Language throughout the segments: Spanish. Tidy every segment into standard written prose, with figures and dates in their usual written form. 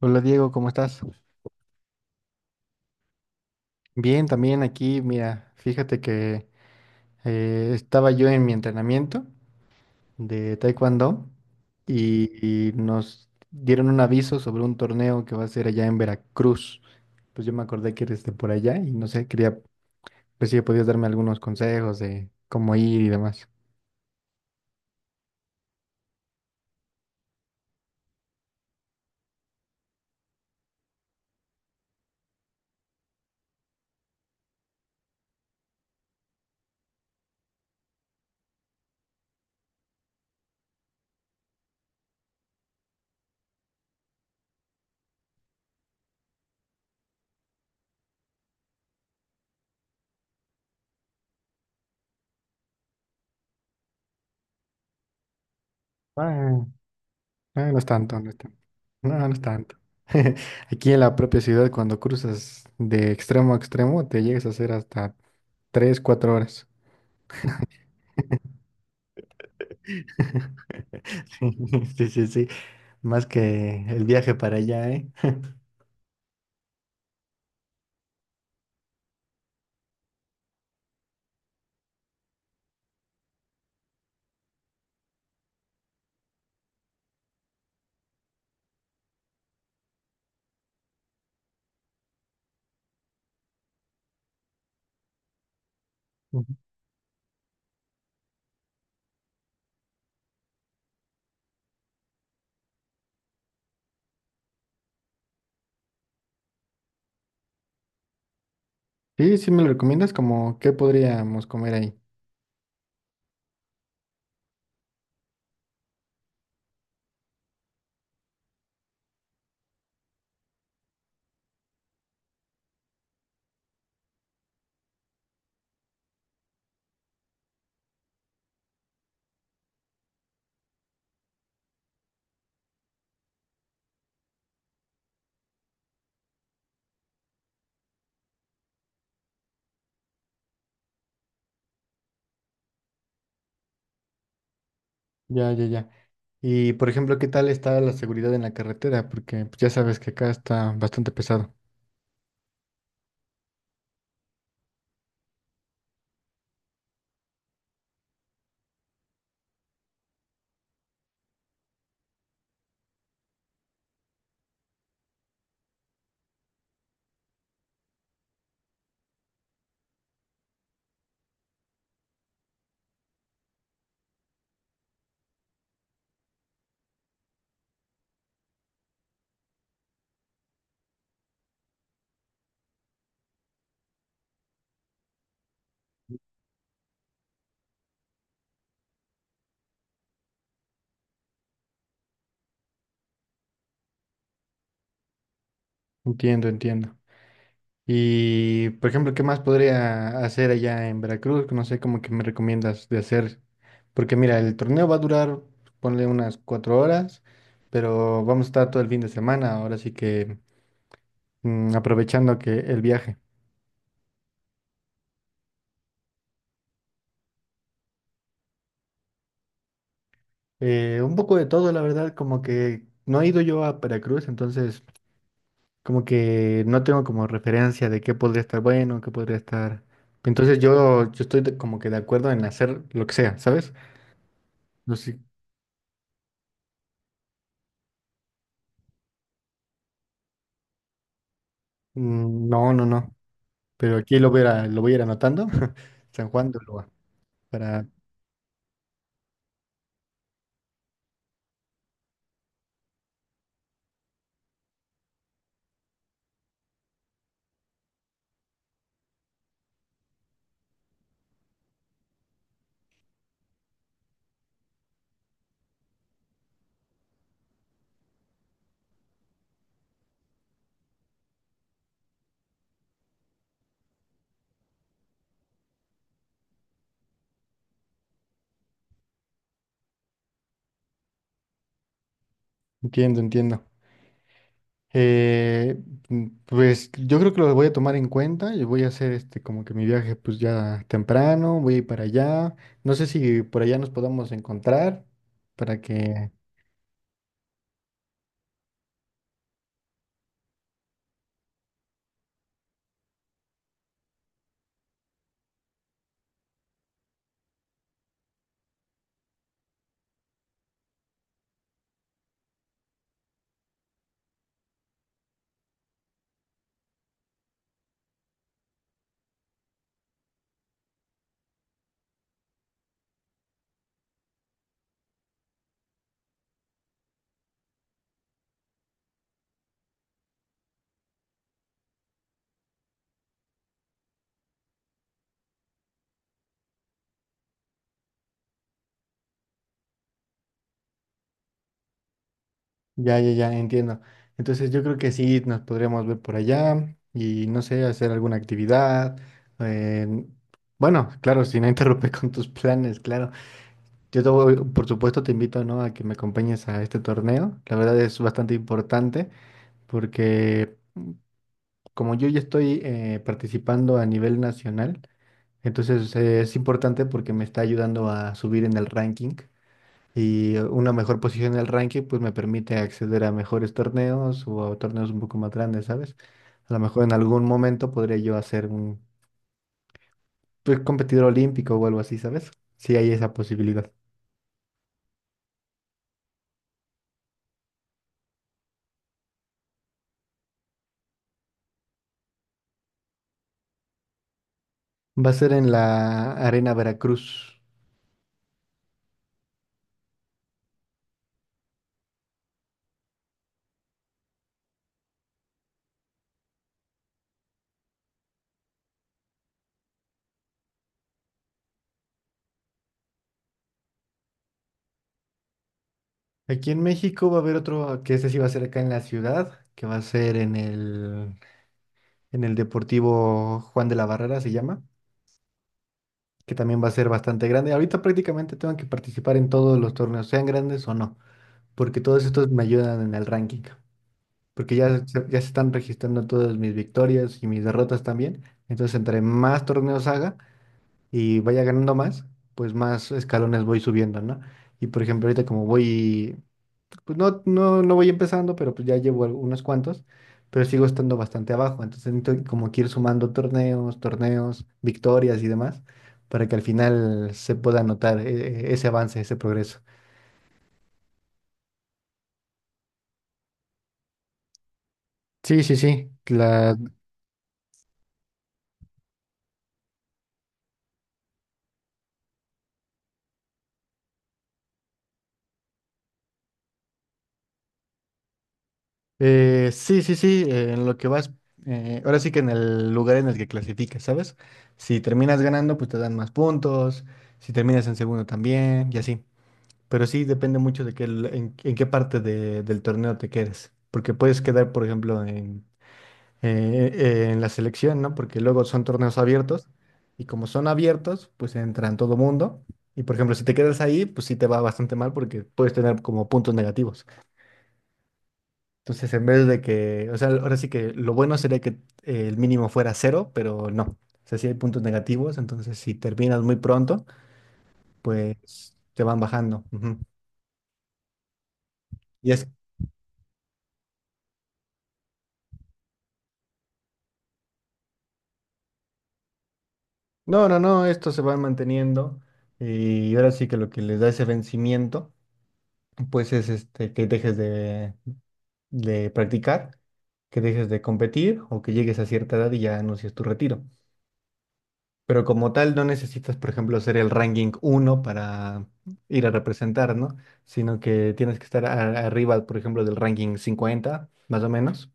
Hola Diego, ¿cómo estás? Bien, también aquí, mira, fíjate que estaba yo en mi entrenamiento de Taekwondo y nos dieron un aviso sobre un torneo que va a ser allá en Veracruz. Pues yo me acordé que eres de por allá y no sé, quería pues si podías darme algunos consejos de cómo ir y demás. Ah, ah, no es tanto, no es tanto. No, no es tanto. Aquí en la propia ciudad, cuando cruzas de extremo a extremo, te llegas a hacer hasta 3, 4 horas. Sí, sí, sí. Más que el viaje para allá, ¿eh? Ujú. Sí, sí me lo recomiendas, ¿como qué podríamos comer ahí? Ya, ya, ya. Y por ejemplo, ¿qué tal está la seguridad en la carretera? Porque pues, ya sabes que acá está bastante pesado. Entiendo, entiendo. Y por ejemplo, ¿qué más podría hacer allá en Veracruz? No sé cómo que me recomiendas de hacer. Porque mira, el torneo va a durar, ponle unas 4 horas, pero vamos a estar todo el fin de semana. Ahora sí que aprovechando que el viaje. Un poco de todo, la verdad, como que no he ido yo a Veracruz, entonces como que no tengo como referencia de qué podría estar bueno, qué podría estar. Entonces yo estoy como que de acuerdo en hacer lo que sea, ¿sabes? No sé. Mm. No, no, no. Pero aquí lo voy a, lo voy a ir anotando. San Juan de Ulúa, para... Entiendo, entiendo. Eh, pues yo creo que los voy a tomar en cuenta y voy a hacer este como que mi viaje pues ya temprano, voy a ir para allá. No sé si por allá nos podamos encontrar para que ya, ya, ya entiendo. Entonces yo creo que sí nos podríamos ver por allá y no sé, hacer alguna actividad. eh, bueno, claro, si no interrumpe con tus planes, claro. Yo te por supuesto te invito, ¿no?, a que me acompañes a este torneo. La verdad es bastante importante porque como yo ya estoy participando a nivel nacional, entonces es importante porque me está ayudando a subir en el ranking y una mejor posición en el ranking pues me permite acceder a mejores torneos o a torneos un poco más grandes, ¿sabes? A lo mejor en algún momento podría yo hacer un pues, competidor olímpico o algo así, ¿sabes? Si hay esa posibilidad. Va a ser en la Arena Veracruz. Aquí en México va a haber otro, que ese sí va a ser acá en la ciudad, que va a ser en el Deportivo Juan de la Barrera se llama, que también va a ser bastante grande. Ahorita prácticamente tengo que participar en todos los torneos, sean grandes o no, porque todos estos me ayudan en el ranking, porque ya se están registrando todas mis victorias y mis derrotas también. Entonces, entre más torneos haga y vaya ganando más, pues más escalones voy subiendo, ¿no? Y por ejemplo, ahorita como voy pues no, no, no voy empezando, pero pues ya llevo unos cuantos, pero sigo estando bastante abajo. Entonces necesito como que ir sumando torneos, torneos, victorias y demás, para que al final se pueda notar ese avance, ese progreso. Sí, sí, sí. Sí, sí, sí, en lo que vas, ahora sí que en el lugar en el que clasificas, ¿sabes? Si terminas ganando, pues te dan más puntos, si terminas en segundo también, y así. Pero sí depende mucho de en qué parte del torneo te quedes. Porque puedes quedar, por ejemplo, en la selección, ¿no? Porque luego son torneos abiertos. Y como son abiertos, pues entran todo mundo. Y por ejemplo, si te quedas ahí, pues sí te va bastante mal porque puedes tener como puntos negativos. Entonces, en vez de que, o sea, ahora sí que lo bueno sería que el mínimo fuera cero, pero no. O sea, sí hay puntos negativos. Entonces, si terminas muy pronto, pues te van bajando. Ujú. Y es No, no, no, estos se van manteniendo y ahora sí que lo que les da ese vencimiento, pues es este, que dejes de practicar, que dejes de competir o que llegues a cierta edad y ya anuncies tu retiro. Pero como tal, no necesitas, por ejemplo, ser el ranking uno para ir a representar, ¿no? Sino que tienes que estar arriba, por ejemplo, del ranking 50, más o menos.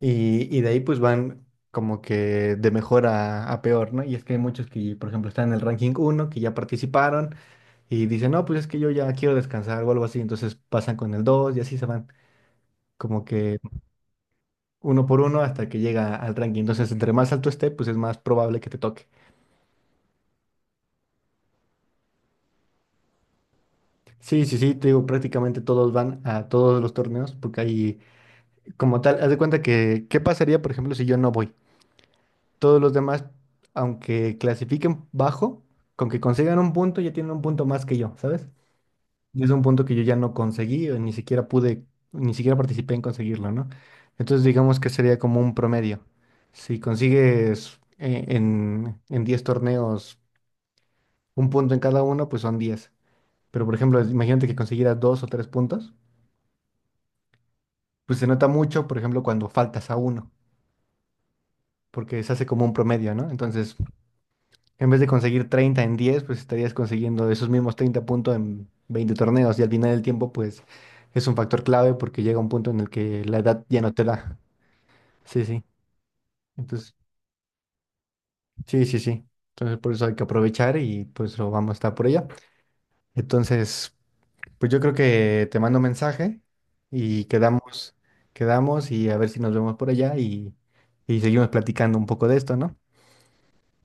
Y de ahí pues van como que de mejor a peor, ¿no? Y es que hay muchos que, por ejemplo, están en el ranking uno que ya participaron y dicen, no, pues es que yo ya quiero descansar o algo así, entonces pasan con el 2 y así se van como que uno por uno hasta que llega al ranking. Entonces, entre más alto esté, pues es más probable que te toque. Sí, sí, sí, te digo, prácticamente todos van a todos los torneos porque hay, como tal, haz de cuenta que, ¿qué pasaría, por ejemplo, si yo no voy? Todos los demás, aunque clasifiquen bajo, con que consigan un punto, ya tienen un punto más que yo, ¿sabes? Y es un punto que yo ya no conseguí, o ni siquiera pude, ni siquiera participé en conseguirlo, ¿no? Entonces digamos que sería como un promedio. Si consigues en 10 torneos un punto en cada uno, pues son 10. Pero por ejemplo, imagínate que consiguieras dos o tres puntos, pues se nota mucho, por ejemplo, cuando faltas a uno, porque se hace como un promedio, ¿no? Entonces, en vez de conseguir 30 en 10 pues estarías consiguiendo esos mismos 30 puntos en 20 torneos y al final del tiempo, pues es un factor clave porque llega un punto en el que la edad ya no te da. Sí, sí. Entonces, sí, sí, sí. Entonces, por eso hay que aprovechar y pues lo vamos a estar por allá. Entonces, pues yo creo que te mando un mensaje y quedamos, quedamos y a ver si nos vemos por allá y seguimos platicando un poco de esto, ¿no?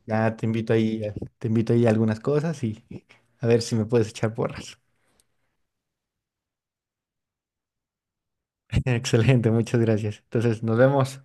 Ya te invito ahí a algunas cosas y a ver si me puedes echar porras. Excelente, muchas gracias. Entonces, nos vemos.